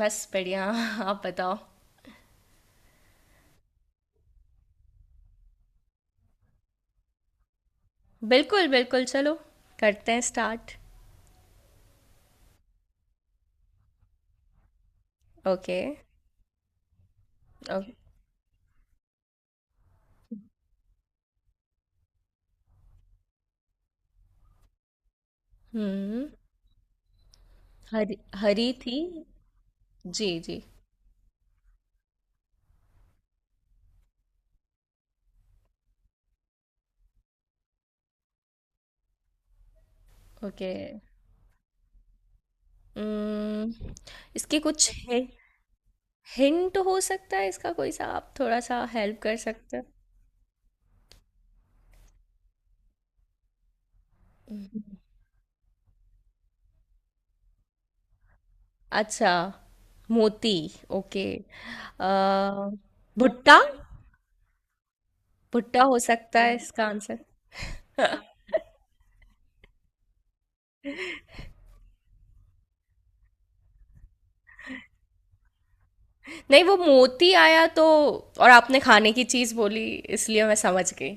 बस बढ़िया आप बताओ। बिल्कुल बिल्कुल, चलो करते हैं स्टार्ट। ओके। ओके। हम्म। हरी हरी थी। जी जी। ओके। हम्म। इसके कुछ हि, हिंट हो सकता है इसका? कोई सा आप थोड़ा सा हेल्प कर सकते हैं? अच्छा, मोती। ओके। अ, भुट्टा। भुट्टा हो सकता है इसका आंसर? नहीं, वो मोती आया तो और आपने खाने की चीज बोली, इसलिए मैं समझ गई।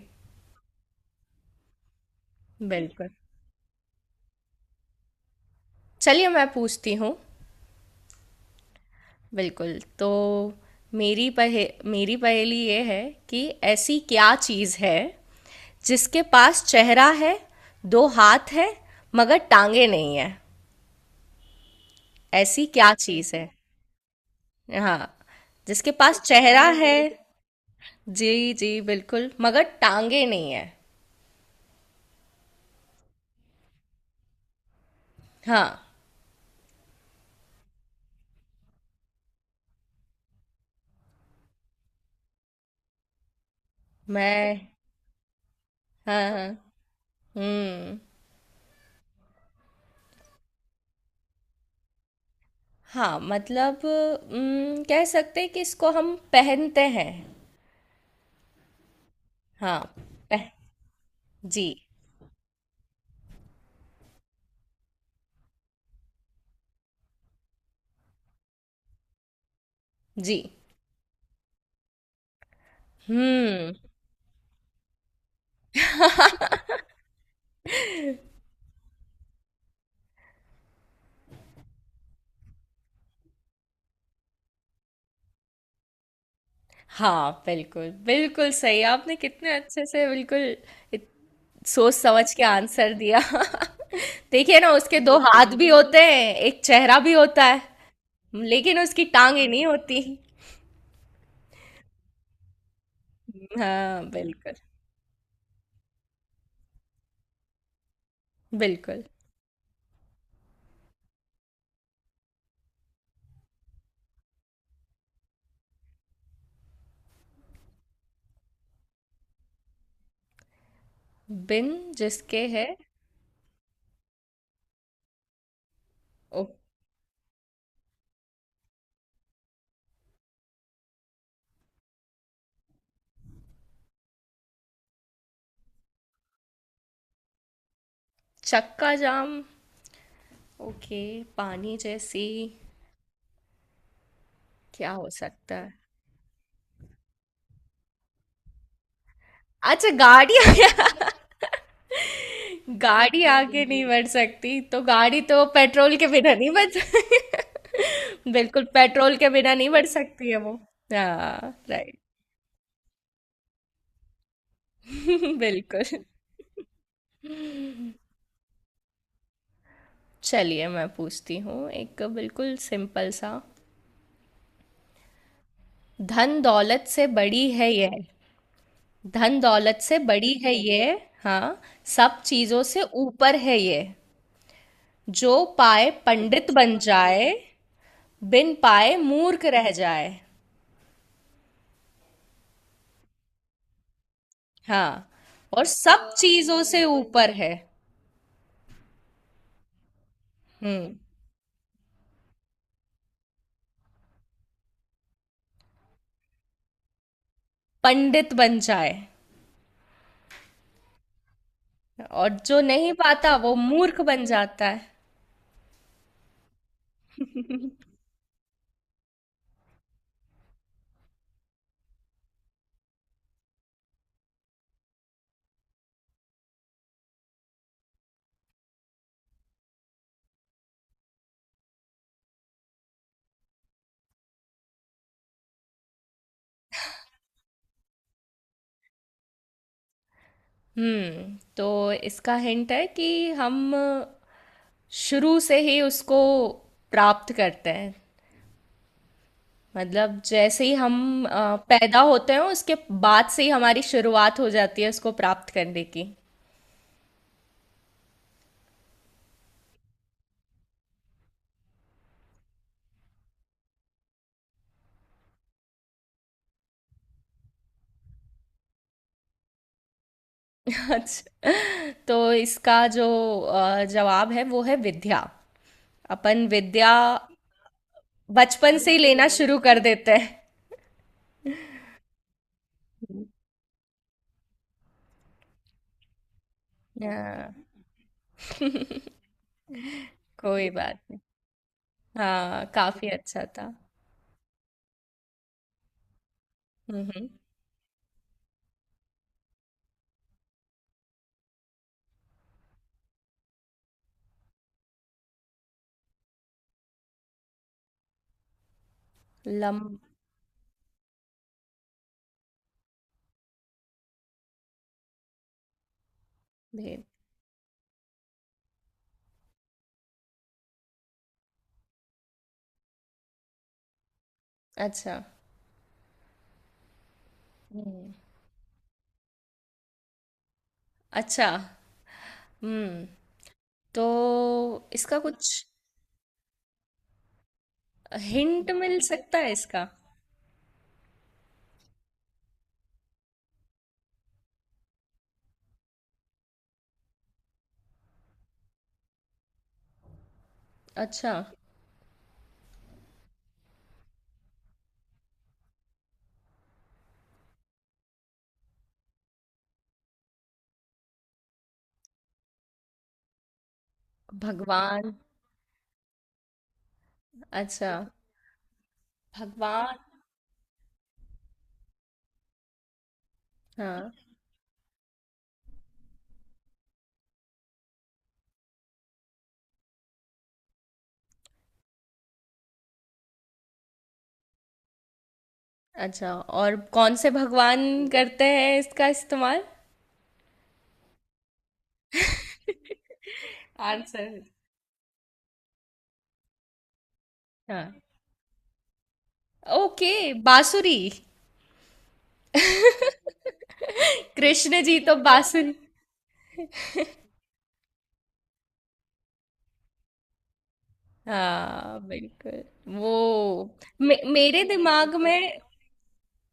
बिल्कुल। चलिए मैं पूछती हूँ। बिल्कुल। तो मेरी पहेली ये है कि ऐसी क्या चीज़ है जिसके पास चेहरा है, 2 हाथ हैं, मगर टाँगें नहीं हैं? ऐसी क्या चीज़ है? हाँ, जिसके पास चेहरा है। जी, जी, बिल्कुल, मगर टाँगें नहीं हैं। हाँ, मैं। हाँ, हाँ। हुँ। हाँ, मतलब कह सकते हैं कि इसको हम पहनते हैं। हाँ। पह, जी। जी। हम्म। हाँ बिल्कुल बिल्कुल सही आपने, कितने अच्छे से बिल्कुल इत, सोच समझ के आंसर दिया। देखिए ना, उसके दो हाथ भी होते हैं, एक चेहरा भी होता है, लेकिन उसकी टांगे नहीं होती। हाँ बिल्कुल बिल्कुल। बिन जिसके है। ओ, चक्का जाम। ओके। पानी जैसी, क्या हो सकता है? अच्छा, गाड़ी गाड़ी आगे नहीं बढ़ सकती, तो गाड़ी तो पेट्रोल के बिना नहीं बढ़ सकती। बिल्कुल, पेट्रोल के बिना नहीं बढ़ सकती है वो। हाँ, राइट। बिल्कुल। चलिए मैं पूछती हूँ एक बिल्कुल सिंपल सा। धन दौलत से बड़ी है ये। धन दौलत से बड़ी है ये। हाँ। सब चीजों से ऊपर है ये। जो पाए पंडित बन जाए, बिन पाए मूर्ख रह जाए। हाँ। और सब चीजों से ऊपर है। हम्म। पंडित बन जाए। और जो नहीं पाता वो मूर्ख बन जाता है। हम्म। तो इसका हिंट है कि हम शुरू से ही उसको प्राप्त करते हैं। मतलब जैसे ही हम पैदा होते हैं, उसके बाद से ही हमारी शुरुआत हो जाती है उसको प्राप्त करने की। अच्छा। तो इसका जो जवाब है, वो है विद्या। अपन विद्या बचपन से ही लेना शुरू कर देते हैं। हाँ। कोई बात नहीं। हाँ, काफी अच्छा था। हम्म। लंबे। अच्छा। हम्म। अच्छा। हम्म। तो इसका कुछ हिंट मिल सकता है इसका? अच्छा, भगवान। अच्छा, भगवान। हाँ। अच्छा। और कौन से भगवान करते हैं इसका इस्तेमाल? आंसर। हाँ। ओके। बांसुरी। कृष्ण जी तो बांसुरी। हाँ बिल्कुल। वो मेरे दिमाग में।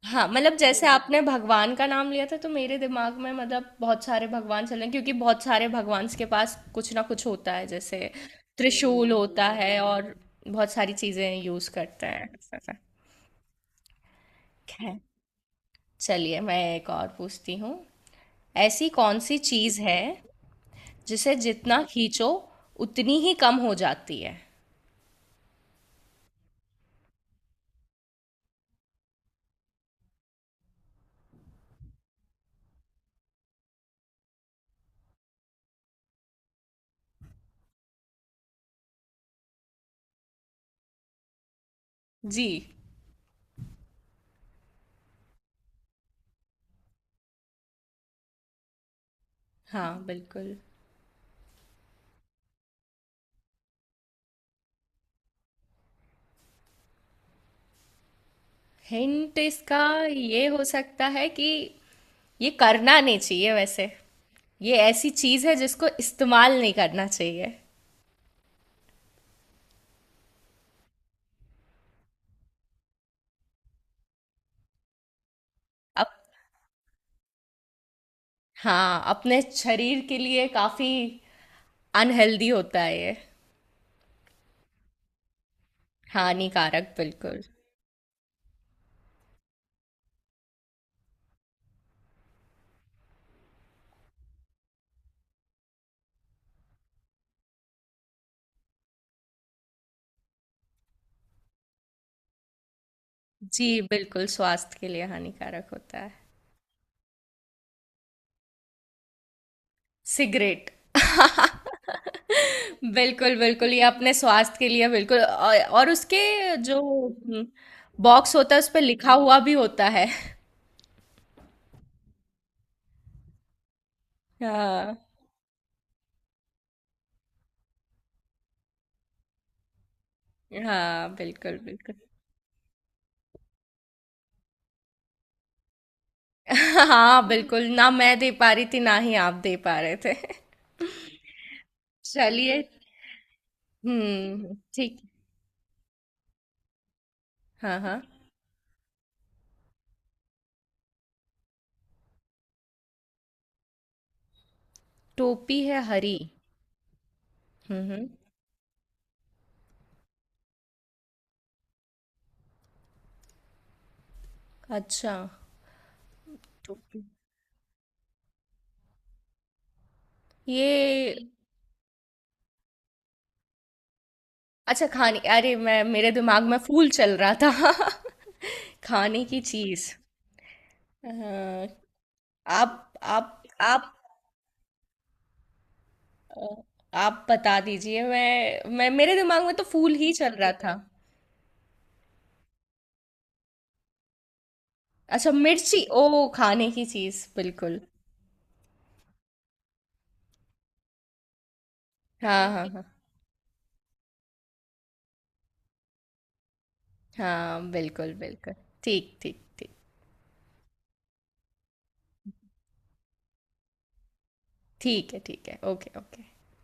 हाँ, मतलब जैसे आपने भगवान का नाम लिया था, तो मेरे दिमाग में मतलब बहुत सारे भगवान चल रहे हैं, क्योंकि बहुत सारे भगवान के पास कुछ ना कुछ होता है, जैसे त्रिशूल होता है, और बहुत सारी चीजें यूज करते हैं। खैर, चलिए मैं एक और पूछती हूँ। ऐसी कौन सी चीज है जिसे जितना खींचो उतनी ही कम हो जाती है? जी। हाँ बिल्कुल। हिंट इसका ये हो सकता है कि ये करना नहीं चाहिए। वैसे ये ऐसी चीज है जिसको इस्तेमाल नहीं करना चाहिए। अप, हाँ, अपने शरीर के लिए काफी अनहेल्दी होता है ये। हानिकारक, बिल्कुल। जी बिल्कुल, स्वास्थ्य के लिए हानिकारक होता है। सिगरेट। बिल्कुल बिल्कुल, ये अपने स्वास्थ्य के लिए बिल्कुल, और उसके जो हम्म, बॉक्स होता है, उस पर लिखा हुआ भी होता है। हाँ हाँ बिल्कुल बिल्कुल। हाँ, बिल्कुल। ना मैं दे पा रही थी, ना ही आप दे पा रहे थे। चलिए। हुँ, ठीक। हाँ, हाँ। टोपी है हरी। हुँ, हुँ। अच्छा, टोपी। ये, अच्छा खाने, अरे मैं मेरे दिमाग में फूल चल रहा था। खाने की चीज़। हाँ, आप आप आप अ, आप बता दीजिए, मैं मेरे दिमाग में तो फूल ही चल रहा था। अच्छा, मिर्ची। ओह! खाने की चीज़, बिल्कुल। हाँ, हाँ, हाँ। हाँ बिल्कुल बिल्कुल। ठीक ठीक ठीक। ठीक है ठीक है, ओके ओके।